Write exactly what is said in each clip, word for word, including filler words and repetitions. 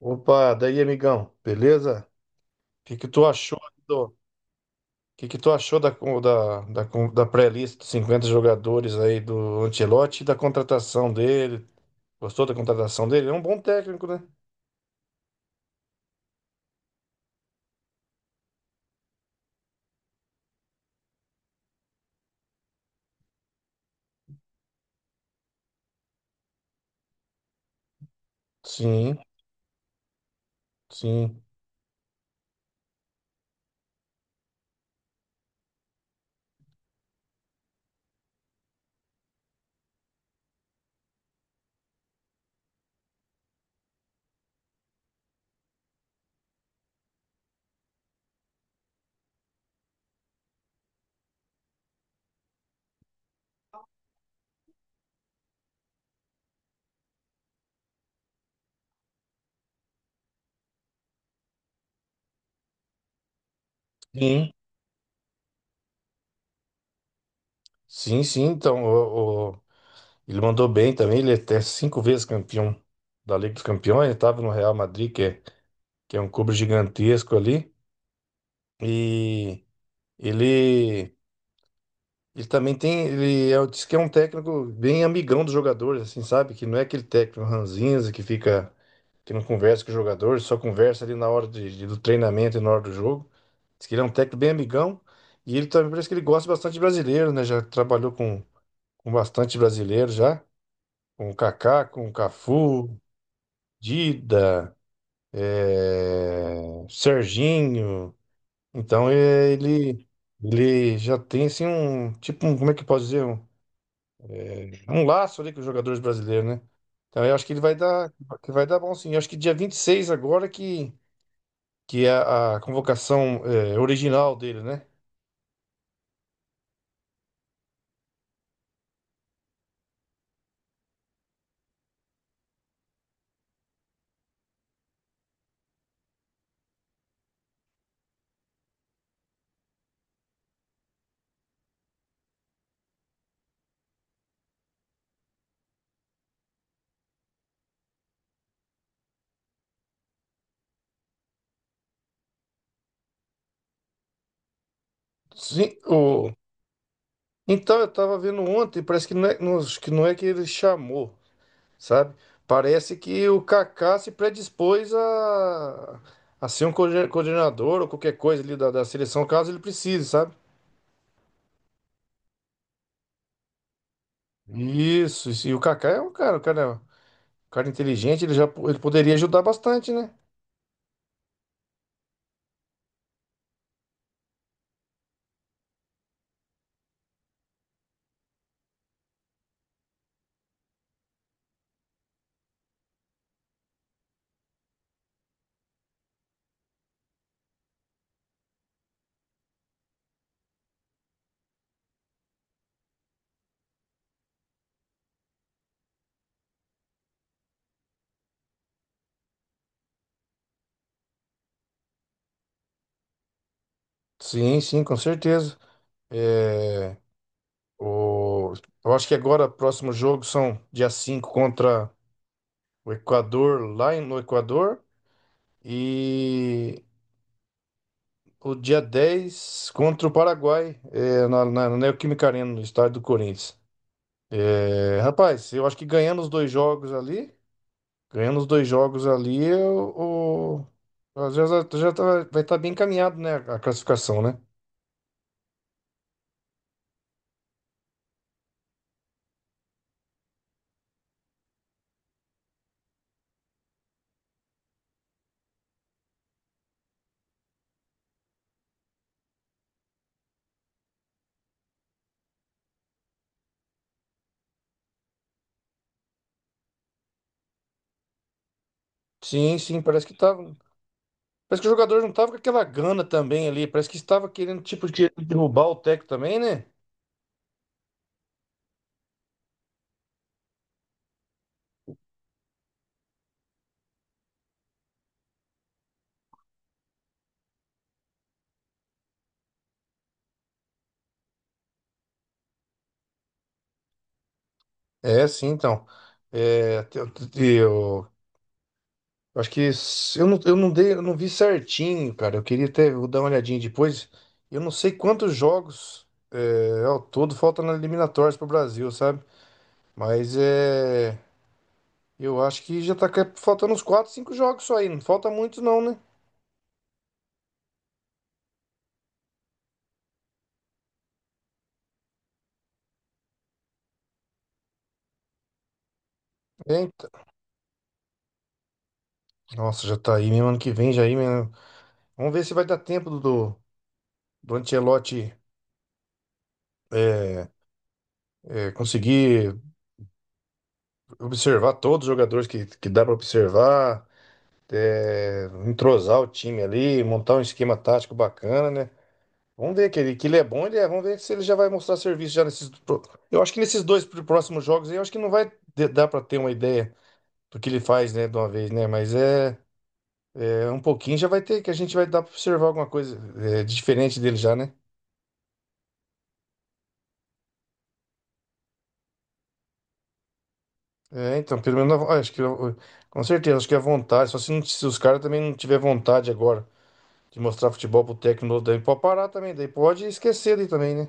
Opa, daí, amigão, beleza? O que que tu achou do, que que tu achou da con- da, da, con- da pré-lista dos cinquenta jogadores aí do Ancelotti e da contratação dele? Gostou da contratação dele? É um bom técnico, né? Sim, sim, sim, sim, sim. Então, o, o- ele mandou bem também. Ele é até cinco vezes campeão da Liga dos Campeões. Ele estava no Real Madrid, que é, que é um clube gigantesco ali. E ele Ele também tem, ele é, diz que é um técnico bem amigão dos jogadores, assim, sabe? Que não é aquele técnico ranzinza que fica, que não conversa com os jogadores, só conversa ali na hora de- de- do treinamento e na hora do jogo. Diz que ele é um técnico bem amigão e ele também parece que ele gosta bastante de brasileiro, né? Já trabalhou com, com bastante brasileiro já, com o Kaká, com o Cafu, Dida, eh, Serginho. Então é, ele, ele já tem assim um, tipo, um, como é que eu posso dizer? Um É um laço ali com os jogadores brasileiros, né? Então eu acho que ele vai dar, que vai dar bom sim. Eu acho que dia vinte e seis agora que, que é a a convocação é, original dele, né? Sim, o... Então eu tava vendo ontem, parece que não é, não, acho que não é que ele chamou, sabe? Parece que o Kaká se predispôs a, a ser um coorden- coordenador ou qualquer coisa ali da, da seleção, caso ele precise, sabe? Isso, isso. E o Kaká é um cara, um cara, é um cara inteligente, ele já po- ele poderia ajudar bastante, né? Sim, sim, com certeza. É, o, eu acho que agora o próximo jogo são dia cinco contra o Equador, lá em- no Equador, e o dia dez contra o Paraguai, é, na, na, na Neoquímica Arena, no estádio do Corinthians. É, rapaz, eu acho que ganhando os dois jogos ali, ganhando os dois jogos ali, o o- já, já tá- vai estar bem encaminhado, né, a classificação, né? Sim, sim, parece que tá. Parece que o jogador não tava com aquela gana também ali. Parece que estava querendo, tipo, de derrubar o técnico também, né? É, sim, então. É, te- te- te- eu, acho que s- eu não, eu não dei, eu não vi certinho, cara. Eu queria até vou dar uma olhadinha depois. Eu não sei quantos jogos é, ao todo faltam na eliminatórias pro Brasil, sabe? Mas é, eu acho que já tá ca- faltando uns quatro, cinco jogos só aí. Não falta muito, não, né? É, então. Nossa, já tá aí mesmo ano que vem, já aí mesmo. Vamos ver se vai dar tempo do, do do Ancelotti É, é, conseguir observar todos os jogadores que, que dá para observar, é, entrosar o time ali, montar um esquema tático bacana, né? Vamos ver que ele, que ele é bom, ele é, vamos ver se ele já vai mostrar serviço já nesses. pro- Eu acho que nesses dois pr- próximos jogos aí, eu acho que não vai de- dar para ter uma ideia do que ele faz, né, de uma vez, né? Mas é, é um pouquinho já vai ter, que a gente vai dar para observar alguma coisa é, diferente dele já, né? É, então, pelo menos, eu acho que eu- com certeza, acho que é vontade, só se, não- se os caras também não tiver vontade agora de mostrar futebol pro técnico novo, daí pode parar também, daí pode esquecer daí também, né?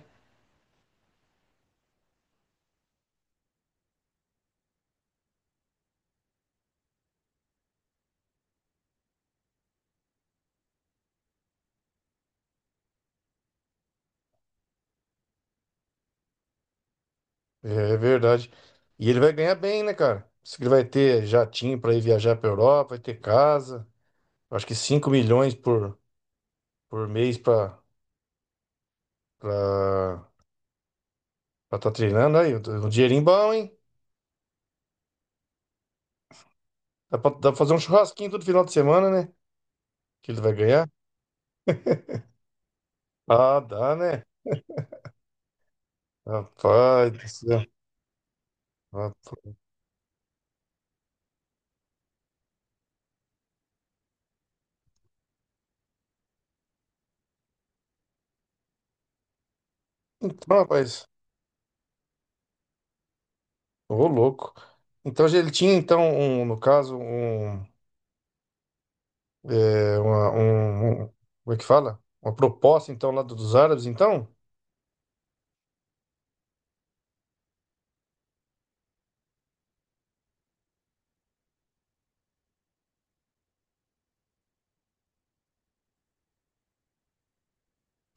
É, é verdade. E ele vai ganhar bem, né, cara? Diz que ele vai ter jatinho pra ir viajar pra Europa, vai ter casa. Acho que cinco milhões por, por mês pra estar pra, tá treinando aí. Um dinheirinho bom, hein? Dá pra, dá pra fazer um churrasquinho todo final de semana, né? Que ele vai ganhar. Ah, dá, né? Rapaz do céu. Rapaz. Então, rapaz. Ô, louco. Então, ele tinha, então, um, no caso, um, É uma, um, um- como é que fala? Uma proposta, então, lá do- dos árabes, então?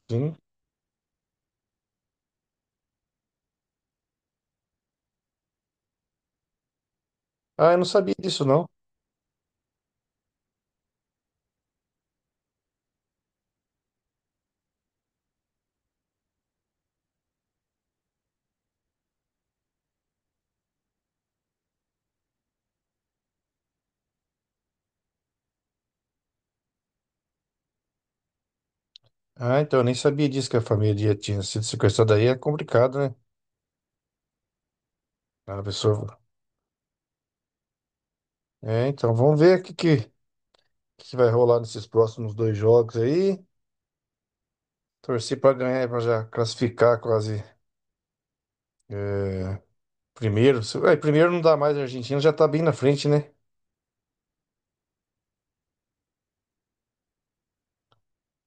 Sim. Ah, eu não sabia disso, não. Ah, então, eu nem sabia disso, que a família tinha sido sequestrada aí. É complicado, né? Ah, a pessoa... É, então, vamos ver o que, que, que vai rolar nesses próximos dois jogos aí. Torcer para ganhar, para já classificar quase é, primeiro. Se- é, primeiro não dá mais, a Argentina já tá bem na frente, né?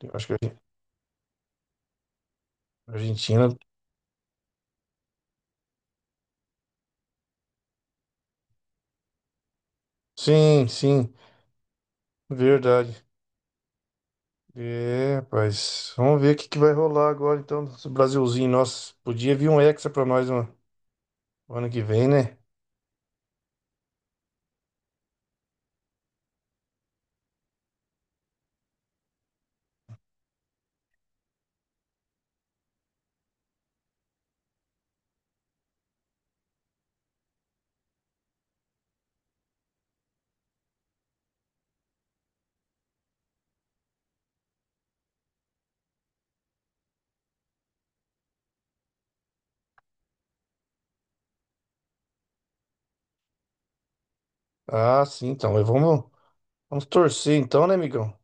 Eu acho que a Argentina... Sim, sim, verdade. É, rapaz. Vamos ver o que que vai rolar agora, então, desse Brasilzinho. Nossa, podia vir um Hexa pra nós no no ano que vem, né? Ah, sim, então. Mas Vamos, vamos torcer, então, né, amigão?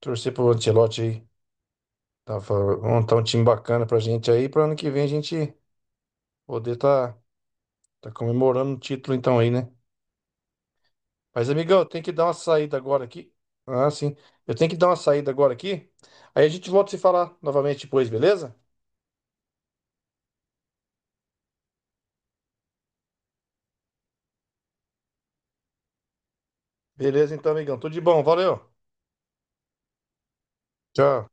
Torcer pro Ancelotti aí. Tá, fa- montar um time bacana pra gente aí, pra ano que vem a gente poder tá, tá comemorando o título, então, aí, né? Mas, amigão, eu tenho que dar uma saída agora aqui. Ah, sim. Eu tenho que dar uma saída agora aqui. Aí a gente volta a se falar novamente depois, beleza? Beleza, então, amigão. Tudo de bom. Valeu. Tchau.